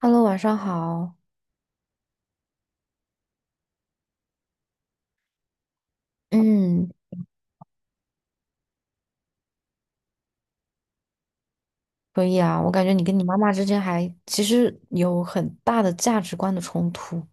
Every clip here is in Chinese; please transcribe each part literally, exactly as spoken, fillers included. Hello，晚上好。嗯，可以啊。我感觉你跟你妈妈之间还其实有很大的价值观的冲突。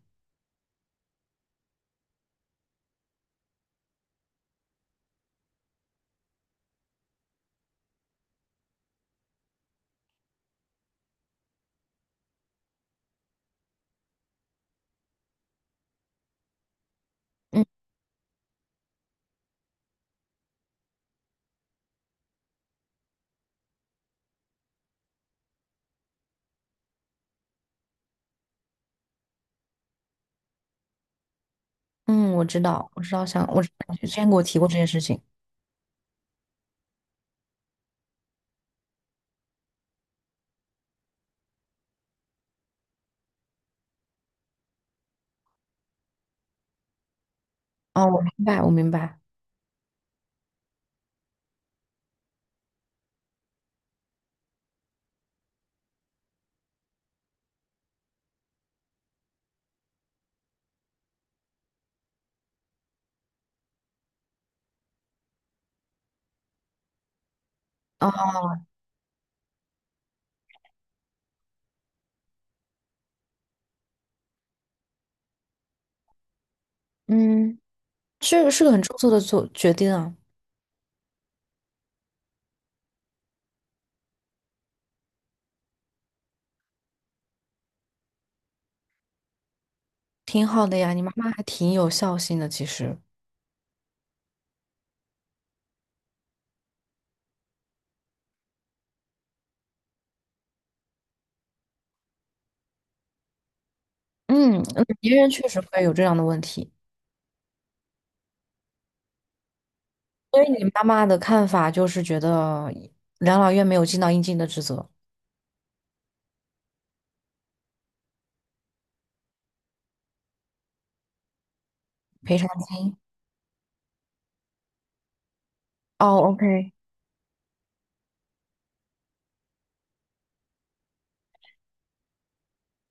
嗯嗯，我知道，我知道，想我知道你之前给我提过这件事情。哦，我明白，我明白。哦，嗯，这个是个很出色的做决定啊，挺好的呀。你妈妈还挺有孝心的，其实。嗯，嗯别人确实会有这样的问题，所以你妈妈的看法就是觉得养老院没有尽到应尽的职责，赔偿金。哦，OK，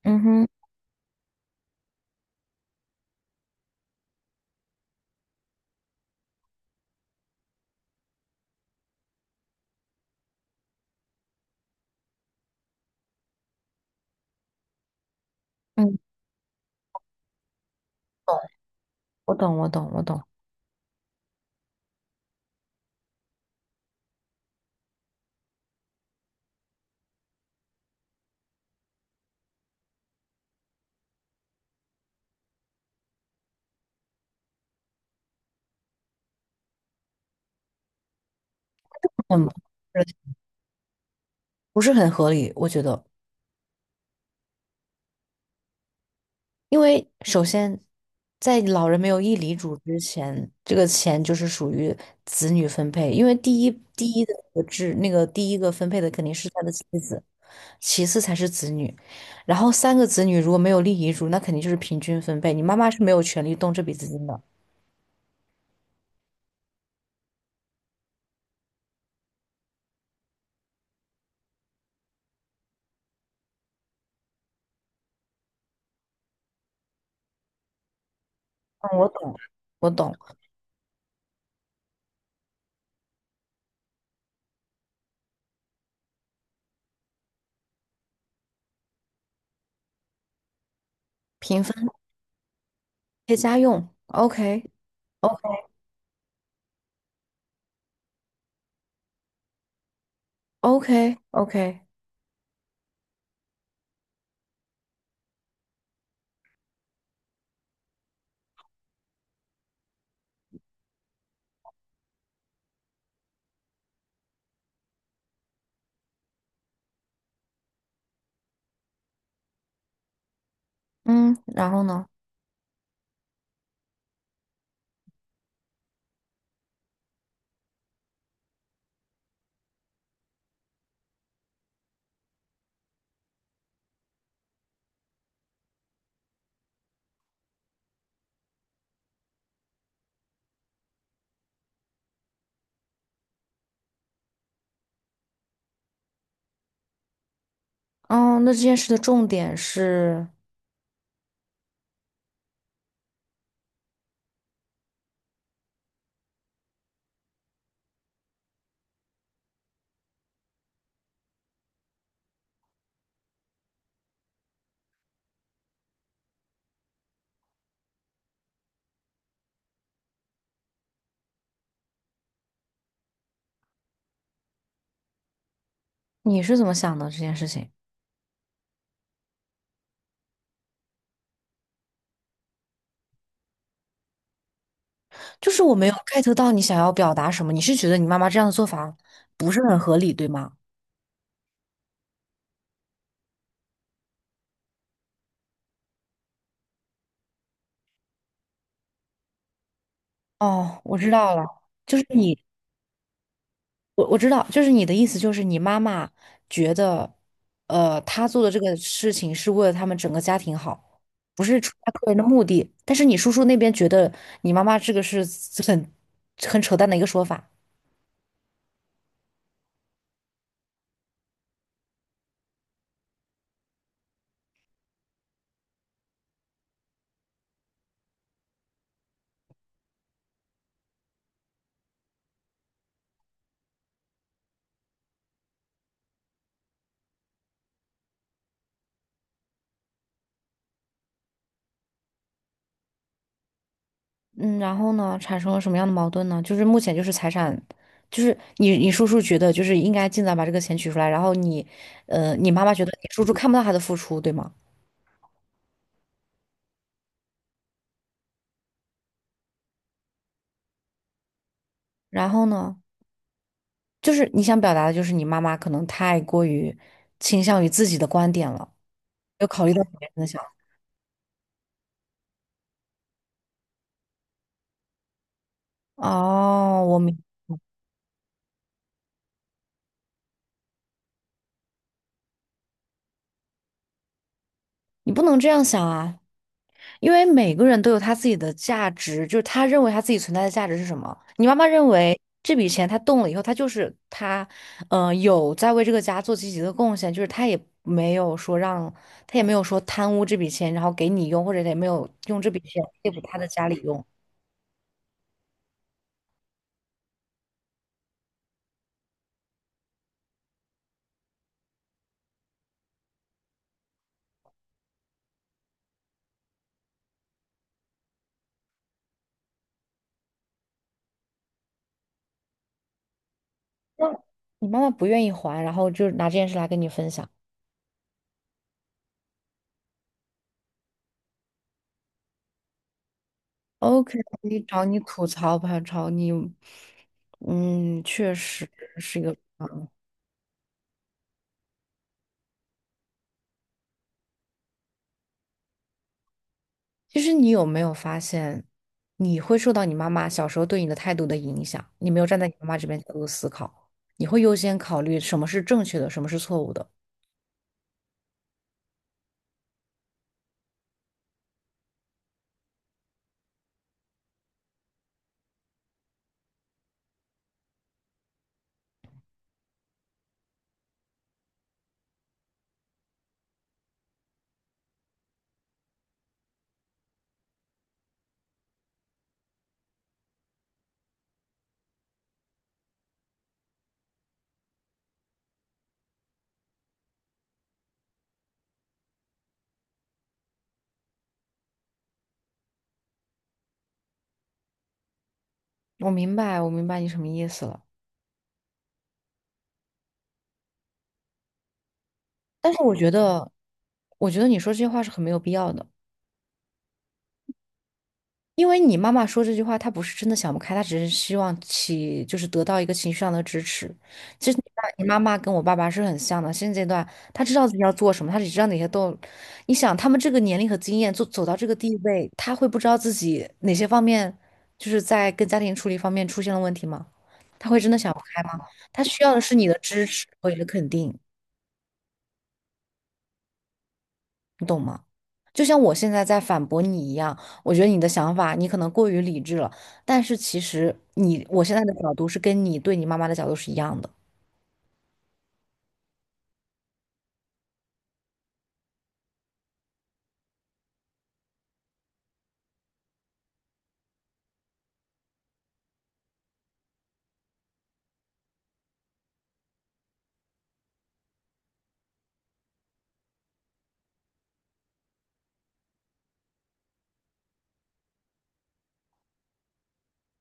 嗯哼。嗯。我懂，我懂，我懂，嗯，不是很合理，我觉得，因为首先，在老人没有立遗嘱之前，这个钱就是属于子女分配，因为第一第一的那个制那个第一个分配的肯定是他的妻子，其次才是子女，然后三个子女如果没有立遗嘱，那肯定就是平均分配，你妈妈是没有权利动这笔资金的。嗯，我懂，我懂，平分配家用，OK，OK，OK，OK，嗯，然后呢？哦，那这件事的重点是，你是怎么想的？这件事情，就是我没有 get 到你想要表达什么。你是觉得你妈妈这样的做法不是很合理，对吗？哦，我知道了，就是你，我我知道，就是你的意思，就是你妈妈觉得，呃，她做的这个事情是为了他们整个家庭好，不是出于她个人的目的。但是你叔叔那边觉得你妈妈这个是很很扯淡的一个说法。嗯，然后呢，产生了什么样的矛盾呢？就是目前就是财产，就是你你叔叔觉得就是应该尽早把这个钱取出来，然后你，呃，你妈妈觉得你叔叔看不到他的付出，对吗？然后呢，就是你想表达的就是你妈妈可能太过于倾向于自己的观点了，没有考虑到别人的想法。哦，我明，你不能这样想啊。因为每个人都有他自己的价值，就是他认为他自己存在的价值是什么。你妈妈认为这笔钱他动了以后，他就是他，嗯、有在为这个家做积极的贡献，就是他也没有说让，他也没有说贪污这笔钱，然后给你用，或者也没有用这笔钱对付他的家里用。那你妈妈不愿意还，然后就拿这件事来跟你分享。OK，你找你吐槽吧，找你，嗯，确实是一个。其实你有没有发现，你会受到你妈妈小时候对你的态度的影响？你没有站在你妈妈这边角度思考，你会优先考虑什么是正确的，什么是错误的。我明白，我明白你什么意思了。但是我觉得，我觉得你说这些话是很没有必要的。因为你妈妈说这句话，她不是真的想不开，她只是希望起，就是得到一个情绪上的支持。其实你爸、你妈妈跟我爸爸是很像的，现阶段她知道自己要做什么，她只知道哪些都。你想，他们这个年龄和经验，走走到这个地位，他会不知道自己哪些方面，就是在跟家庭处理方面出现了问题吗？他会真的想不开吗？他需要的是你的支持和你的肯定。就像我现在在反驳你一样，我觉得你的想法你可能过于理智了，但是其实你我现在的角度是跟你对你妈妈的角度是一样的。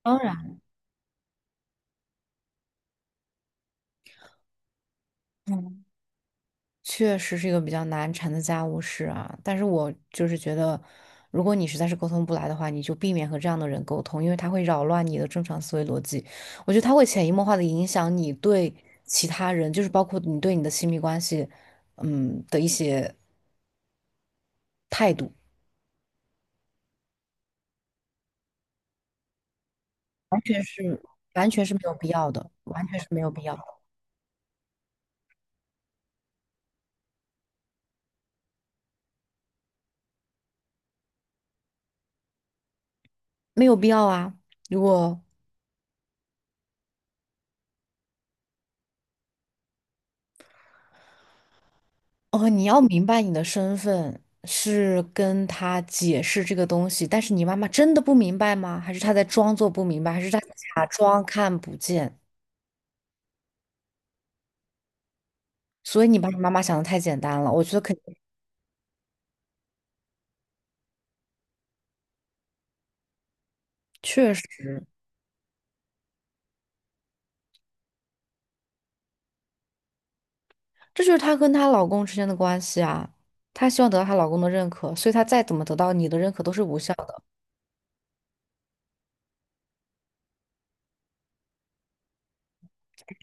当然，嗯，确实是一个比较难缠的家务事啊，但是我就是觉得，如果你实在是沟通不来的话，你就避免和这样的人沟通，因为他会扰乱你的正常思维逻辑。我觉得他会潜移默化的影响你对其他人，就是包括你对你的亲密关系，嗯的一些态度。完全是完全是没有必要的，完全是没有必要，没有必要啊！如果哦，你要明白你的身份是跟他解释这个东西，但是你妈妈真的不明白吗？还是她在装作不明白，还是她在假装看不见？所以你把你妈妈想的太简单了，我觉得肯定确实，这就是她跟她老公之间的关系啊。她希望得到她老公的认可，所以她再怎么得到你的认可都是无效的。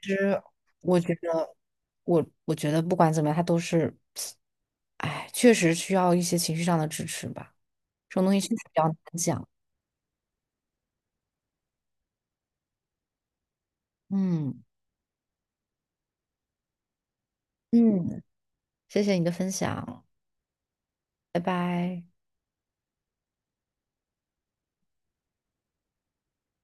其实我觉得，我我觉得不管怎么样，他都是，哎，确实需要一些情绪上的支持吧。这种东西确实比较难讲。嗯嗯，谢谢你的分享，拜拜。